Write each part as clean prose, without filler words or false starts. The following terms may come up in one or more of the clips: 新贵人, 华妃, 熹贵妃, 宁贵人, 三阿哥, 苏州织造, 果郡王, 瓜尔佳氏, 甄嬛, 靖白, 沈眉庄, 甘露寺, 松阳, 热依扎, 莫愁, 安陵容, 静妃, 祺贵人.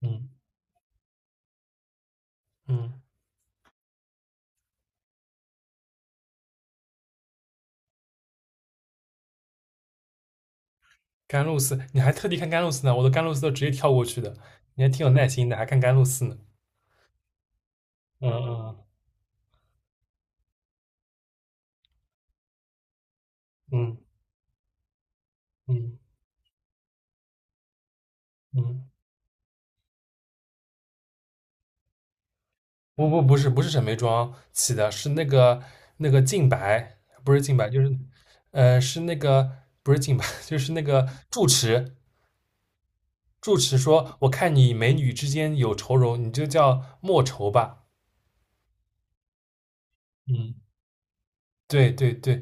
嗯嗯，甘露寺，你还特地看甘露寺呢？我的甘露寺都直接跳过去的，你还挺有耐心的，还看甘露寺呢。嗯嗯嗯嗯嗯，不是沈眉庄起的，是那个靖白，不是靖白，就是是那个不是靖白，就是那个住持。住持说：“我看你美女之间有愁容，你就叫莫愁吧。”嗯，对对对，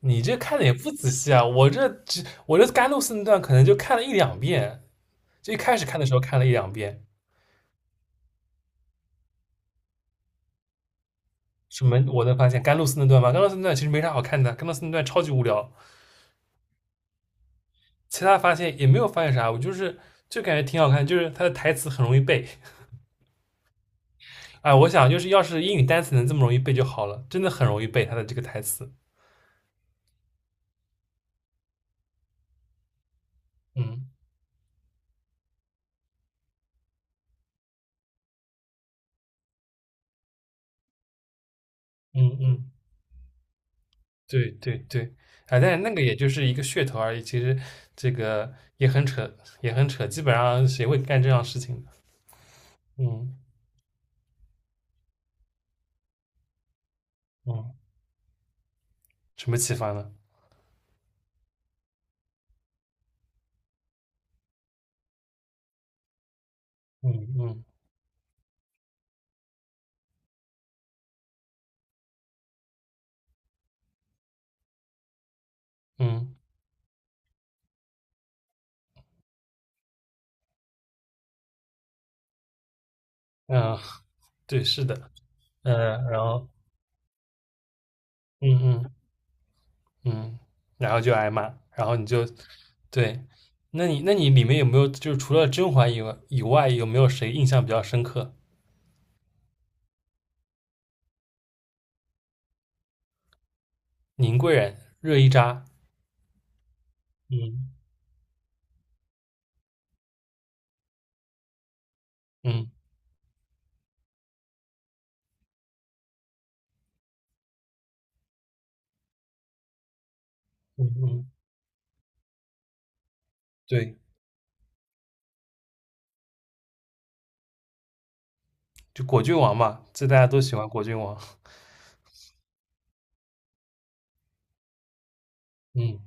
你这看的也不仔细啊，我这甘露寺那段可能就看了一两遍。就一开始看的时候看了一两遍，什么我能发现甘露寺那段吗？甘露寺那段其实没啥好看的，甘露寺那段超级无聊。其他发现也没有发现啥，我就是就感觉挺好看，就是他的台词很容易背。哎，我想就是要是英语单词能这么容易背就好了，真的很容易背它的这个台词。嗯嗯嗯，对对对，哎，但是那个也就是一个噱头而已，其实这个也很扯，也很扯，基本上谁会干这样事情的？嗯嗯，什么启发呢？嗯嗯嗯嗯，对，是的，嗯，然后，嗯嗯嗯，然后就挨骂，然后你就，对，那你里面有没有就是除了甄嬛以外，有没有谁印象比较深刻？宁贵人、热依扎，嗯嗯嗯嗯，对，就果郡王嘛，这大家都喜欢果郡王，嗯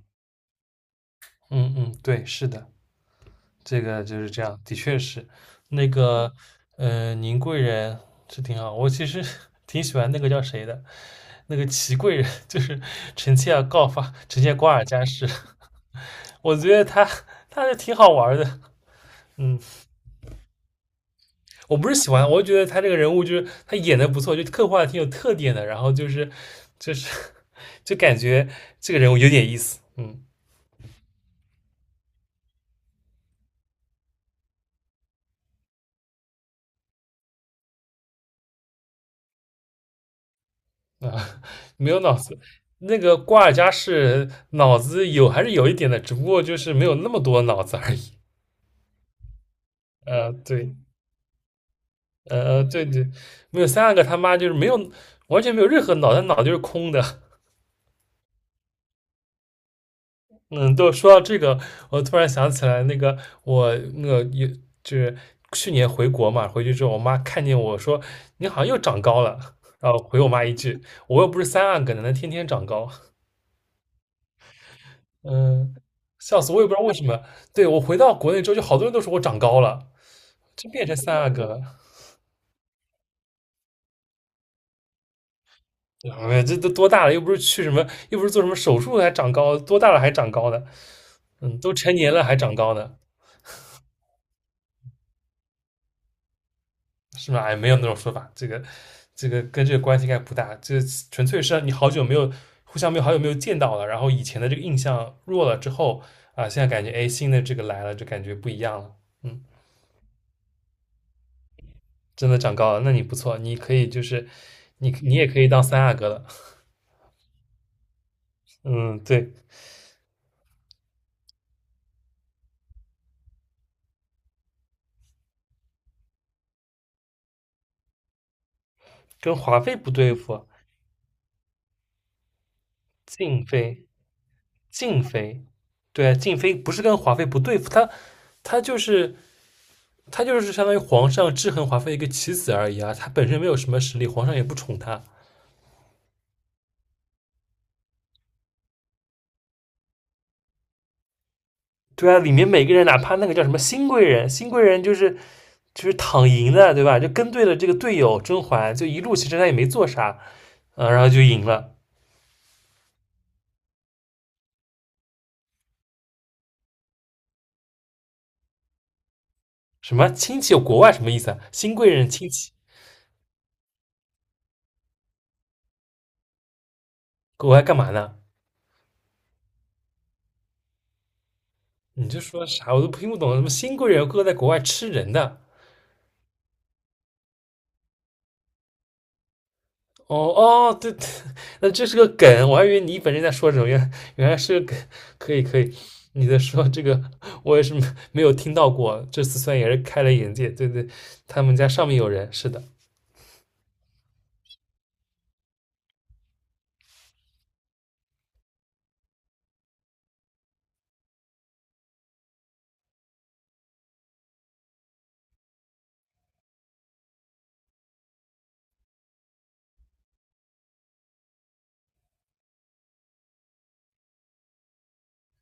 嗯嗯，对，是的，这个就是这样，的确是，那个宁贵人是挺好，我其实 挺喜欢那个叫谁的，那个祺贵人，就是臣妾要告发臣妾瓜尔佳氏。我觉得他是挺好玩的，嗯，我不是喜欢，我就觉得他这个人物就是他演的不错，就刻画的挺有特点的，然后就是就感觉这个人物有点意思，嗯啊，没有脑子。那个瓜尔佳氏脑子有还是有一点的，只不过就是没有那么多脑子而已。对，对对，没有三阿哥他妈就是没有完全没有任何脑袋，脑袋就是空的。嗯，都说到这个，我突然想起来，那个我那个也就是去年回国嘛，回去之后，我妈看见我说你好像又长高了，然后回我妈一句，我又不是三阿哥，哪能天天长高？嗯，笑死，我也不知道为什么。对，我回到国内之后，就好多人都说我长高了，真变成三阿哥了。哎，这都多大了？又不是去什么，又不是做什么手术还长高，多大了还长高的？嗯，都成年了还长高呢。是吗？哎，没有那种说法，这个跟这个关系应该不大，这纯粹是你好久没有互相没有好久没有见到了，然后以前的这个印象弱了之后啊，现在感觉哎新的这个来了，就感觉不一样了，嗯，真的长高了，那你不错，你可以就是你也可以当三阿哥了，嗯，对，跟华妃不对付，静妃静妃，对啊，静妃不是跟华妃不对付，她她就是他就是相当于皇上制衡华妃一个棋子而已啊，他本身没有什么实力，皇上也不宠他。对啊，里面每个人，哪怕那个叫什么新贵人，新贵人就是躺赢的，对吧？就跟对了这个队友甄嬛，就一路其实他也没做啥，嗯，然后就赢了。什么亲戚有国外什么意思啊？新贵人亲戚国外干嘛呢？你就说啥我都听不懂，什么新贵人哥在国外吃人的，哦哦，对，对那这是个梗，我还以为你本身在说什么，原来是个梗，可以可以，你在说这个我也是没有听到过，这次算也是开了眼界，对对，他们家上面有人，是的，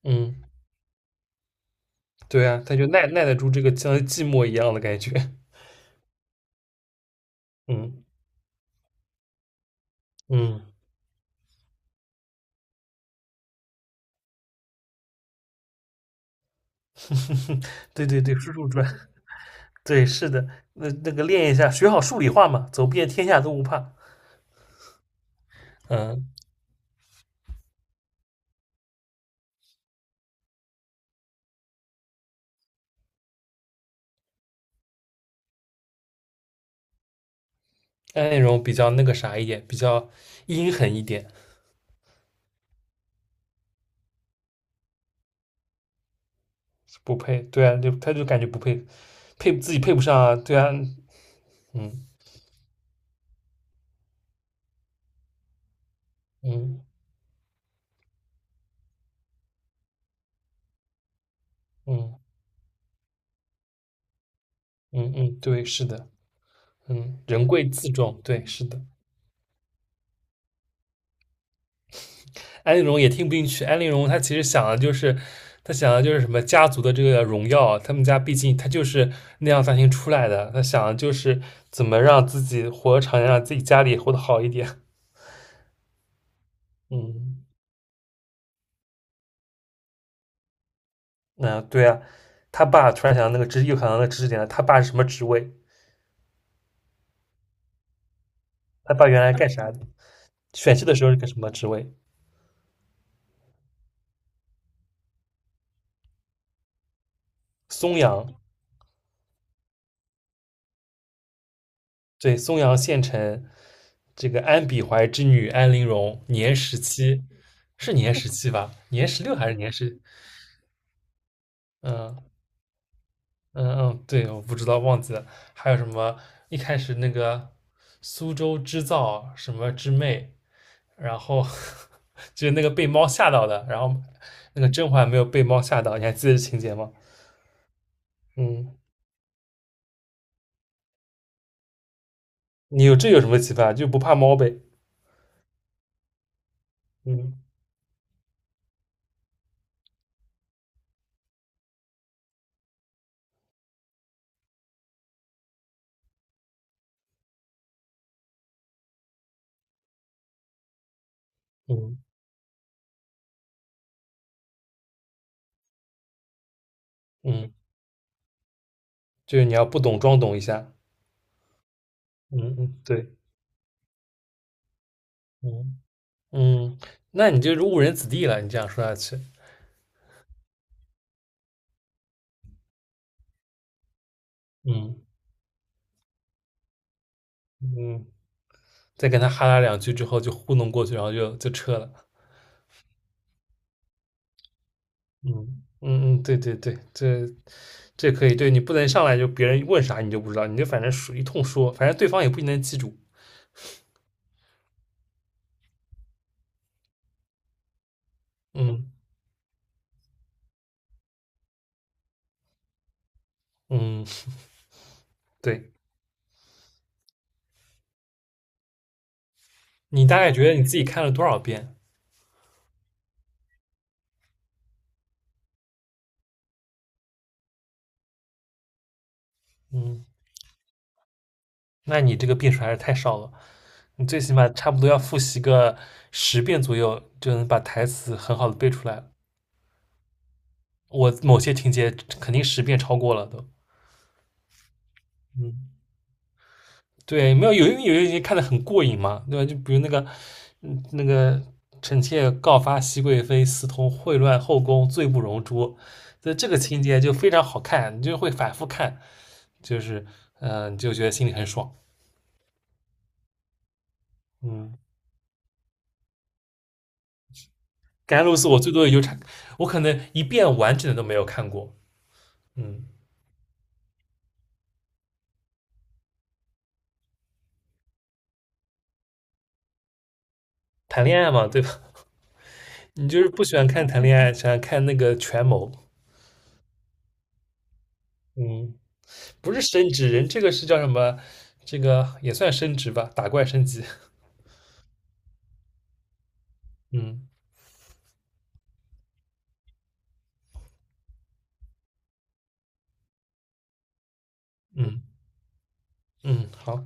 嗯，对啊，他就耐得住这个像寂寞一样的感觉，嗯嗯，对对对，叔叔转，对，是的，那个练一下，学好数理化嘛，走遍天下都不怕，嗯，那种比较那个啥一点，比较阴狠一点。不配，对啊，就他就感觉不配，配自己配不上啊，对啊，嗯嗯嗯嗯嗯，对，是的，嗯，人贵自重，对，是的。安陵容也听不进去，安陵容她其实想的就是，她想的就是什么家族的这个荣耀啊，他们家毕竟她就是那样大厅出来的，她想的就是怎么让自己活得长一点，让自己家里活得好一点，嗯那对啊，他爸突然想到那个知识点了，他爸是什么职位？他爸原来干啥的？选秀的时候是个什么职位？松阳，对，松阳县城这个安比怀之女安陵容，年十七，是年十七吧？年16还是年十？嗯嗯嗯，对，我不知道，忘记了。还有什么？一开始那个苏州织造什么织妹，然后 就是那个被猫吓到的，然后那个甄嬛没有被猫吓到，你还记得这情节吗？嗯，你有什么启发？就不怕猫呗？嗯嗯嗯，就是你要不懂装懂一下。嗯嗯，对。嗯嗯，那你就是误人子弟了。你这样说下去，嗯嗯，再跟他哈拉两句之后就糊弄过去，然后就撤了。嗯嗯嗯，对对对，这可以。对你不能上来就别人问啥你就不知道，你就反正说一通说，反正对方也不一定能记住。嗯嗯，对你大概觉得你自己看了多少遍？嗯，那你这个遍数还是太少了。你最起码差不多要复习个十遍左右，就能把台词很好的背出来了。我某些情节肯定十遍超过了都。嗯，对，没有些看得很过瘾嘛，对吧？就比如那个，嗯，那个臣妾告发熹贵妃私通秽乱后宫，罪不容诛，所以这个情节就非常好看，你就会反复看，就是嗯，你就觉得心里很爽。嗯，甘露寺我最多也就差，我可能一遍完整的都没有看过。嗯，谈恋爱嘛，对吧？你就是不喜欢看谈恋爱，喜欢看那个权谋。嗯。不是升职，人这个是叫什么？这个也算升职吧，打怪升级。嗯嗯嗯，好。